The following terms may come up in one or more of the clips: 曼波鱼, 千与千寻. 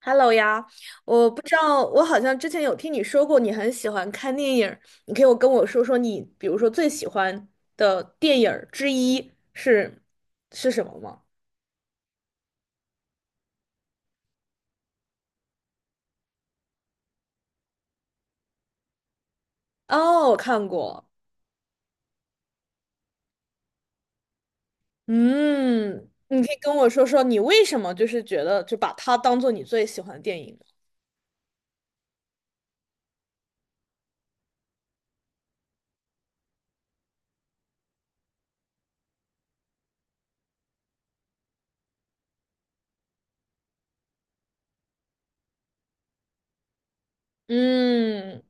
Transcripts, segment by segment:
Hello 呀，我不知道，我好像之前有听你说过你很喜欢看电影儿你可以我跟我说说你，比如说最喜欢的电影儿之一是什么吗？哦，我看过，嗯，你可以跟我说说你为什么就是觉得就把它当做你最喜欢的电影吗？嗯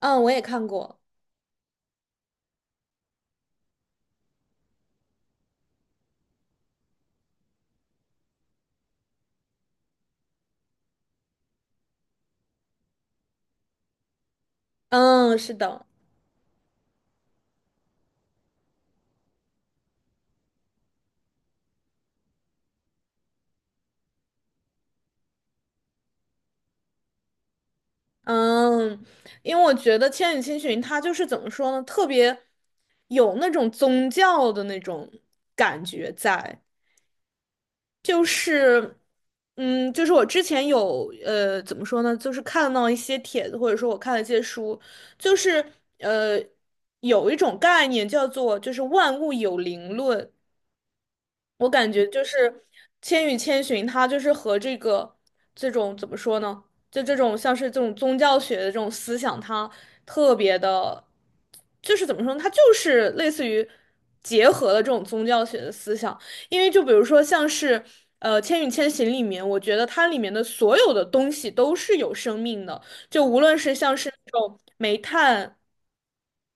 嗯，我也看过，嗯，是的。嗯，因为我觉得《千与千寻》它就是怎么说呢，特别有那种宗教的那种感觉在，就是，嗯，就是我之前有怎么说呢，就是看到一些帖子，或者说我看了一些书，就是呃有一种概念叫做就是万物有灵论，我感觉就是《千与千寻》，它就是和这个这种怎么说呢？就这种像是这种宗教学的这种思想，它特别的，就是怎么说呢？它就是类似于结合了这种宗教学的思想，因为就比如说像是《千与千寻》里面，我觉得它里面的所有的东西都是有生命的，就无论是像是那种煤炭，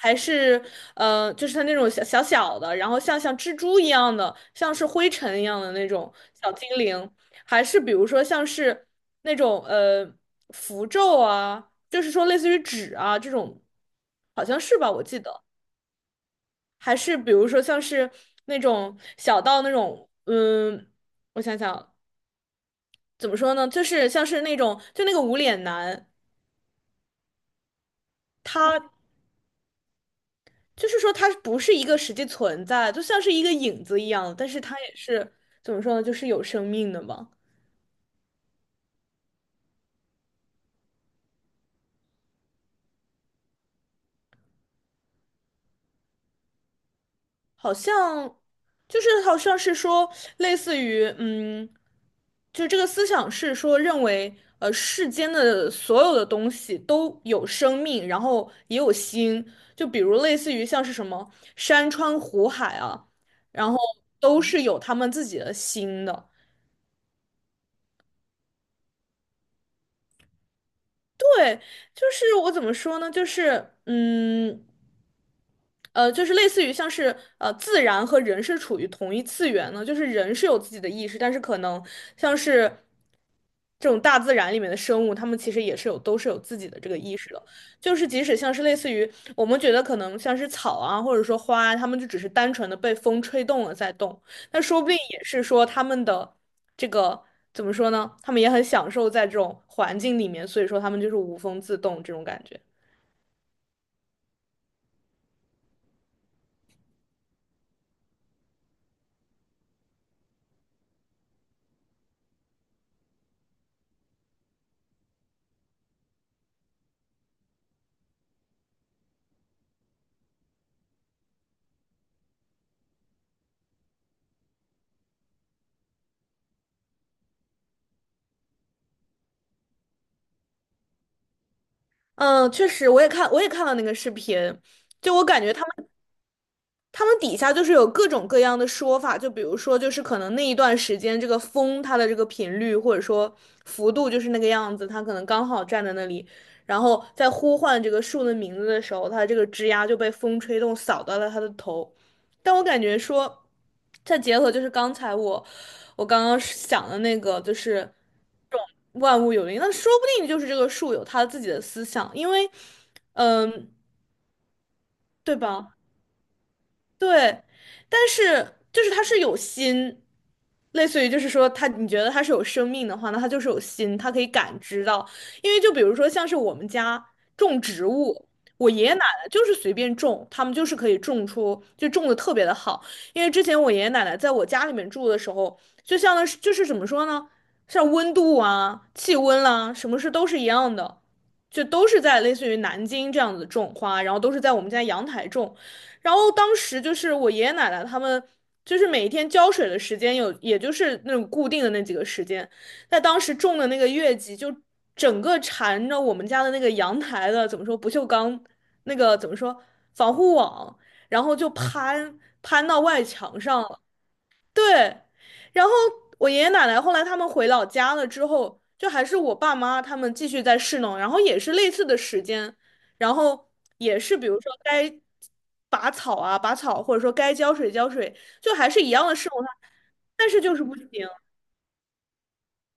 还是就是它那种小小小的，然后像蜘蛛一样的，像是灰尘一样的那种小精灵，还是比如说像是那种符咒啊，就是说类似于纸啊这种，好像是吧，我记得，还是比如说像是那种小到那种我想想，怎么说呢？就是像是那种，就那个无脸男，他就是说它不是一个实际存在，就像是一个影子一样，但是它也是怎么说呢，就是有生命的嘛，好像就是好像是说类似于就这个思想是说认为世间的所有的东西都有生命，然后也有心，就比如类似于像是什么山川湖海啊，然后都是有他们自己的心的。对，就是我怎么说呢？就是就是类似于像是自然和人是处于同一次元呢，就是人是有自己的意识，但是可能像是这种大自然里面的生物，它们其实也是都是有自己的这个意识的，就是即使像是类似于我们觉得可能像是草啊，或者说花啊，它们就只是单纯的被风吹动了在动，那说不定也是说他们的这个怎么说呢？他们也很享受在这种环境里面，所以说他们就是无风自动这种感觉。嗯，确实，我也看了那个视频，就我感觉他们。他们底下就是有各种各样的说法，就比如说，就是可能那一段时间这个风它的这个频率或者说幅度就是那个样子，它可能刚好站在那里，然后在呼唤这个树的名字的时候，它这个枝丫就被风吹动扫到了它的头。但我感觉说，再结合就是刚才我刚刚想的那个，就是这种万物有灵，那说不定就是这个树有它自己的思想，因为，嗯，对吧？对，但是就是它是有心，类似于就是说它，你觉得它是有生命的话，那它就是有心，它可以感知到。因为就比如说像是我们家种植物，我爷爷奶奶就是随便种，他们就是可以种出，就种的特别的好。因为之前我爷爷奶奶在我家里面住的时候，就像是就是怎么说呢，像温度啊、气温啦、什么事都是一样的。就都是在类似于南京这样子种花，然后都是在我们家阳台种，然后当时就是我爷爷奶奶他们，就是每一天浇水的时间有，也就是那种固定的那几个时间。在当时种的那个月季，就整个缠着我们家的那个阳台的，怎么说不锈钢那个怎么说防护网，然后就攀到外墙上了。对，然后我爷爷奶奶后来他们回老家了之后，就还是我爸妈他们继续在侍弄，然后也是类似的时间，然后也是比如说该拔草啊拔草，或者说该浇水浇水，就还是一样的侍弄他，但是就是不行。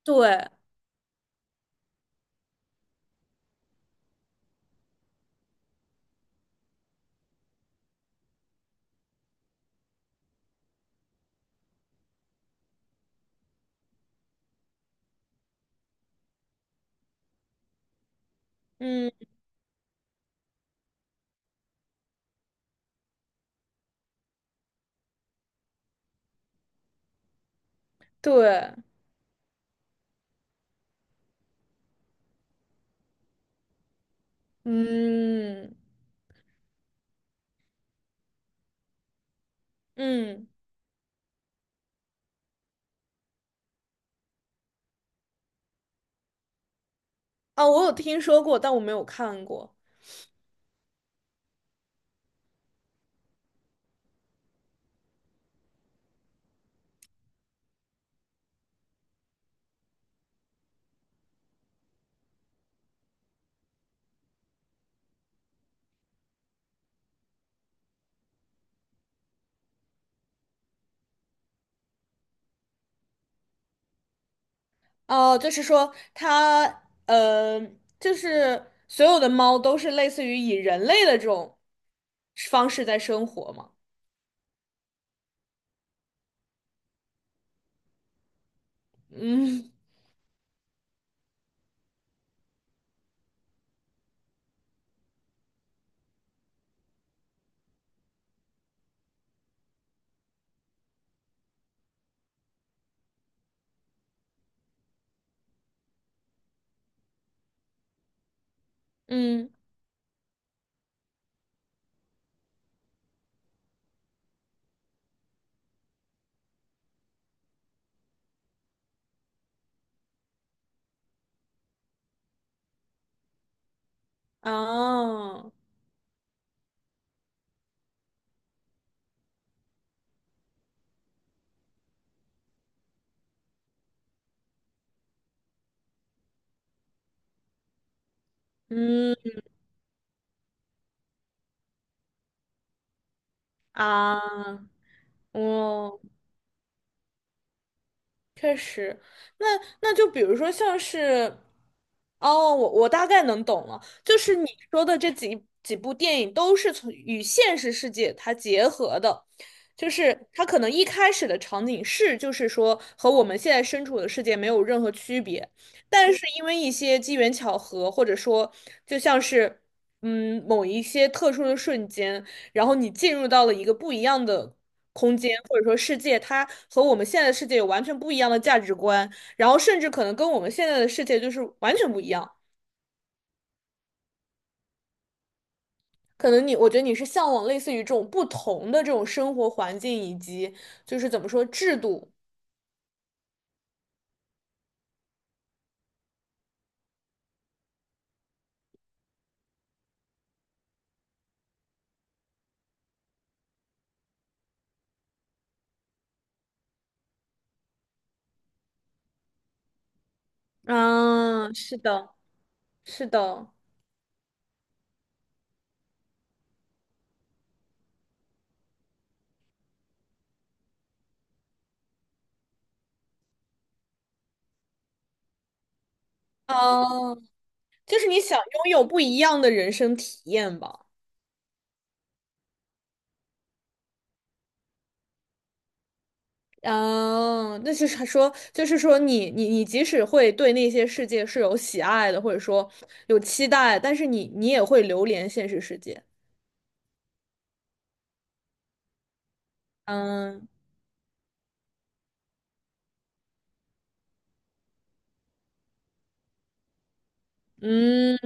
对，嗯，对，嗯嗯，啊，我有听说过，但我没有看过。哦，就是说它，就是所有的猫都是类似于以人类的这种方式在生活嘛。嗯嗯，啊嗯啊，哦，确实，那就比如说像是，哦，我大概能懂了，就是你说的这几部电影都是从与现实世界它结合的，就是它可能一开始的场景是就是说和我们现在身处的世界没有任何区别，但是因为一些机缘巧合，或者说就像是某一些特殊的瞬间，然后你进入到了一个不一样的空间或者说世界，它和我们现在的世界有完全不一样的价值观，然后甚至可能跟我们现在的世界就是完全不一样。可能你，我觉得你是向往类似于这种不同的这种生活环境以及就是怎么说制度。嗯，是的，是的，嗯，就是你想拥有不一样的人生体验吧。嗯，那就是他说，就是说你即使会对那些世界是有喜爱的，或者说有期待，但是你也会流连现实世界。嗯嗯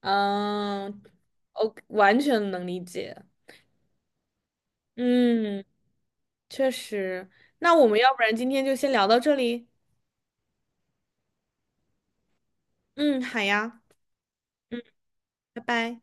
嗯，我完全能理解。嗯，确实。那我们要不然今天就先聊到这里。嗯，好呀。嗯，拜拜。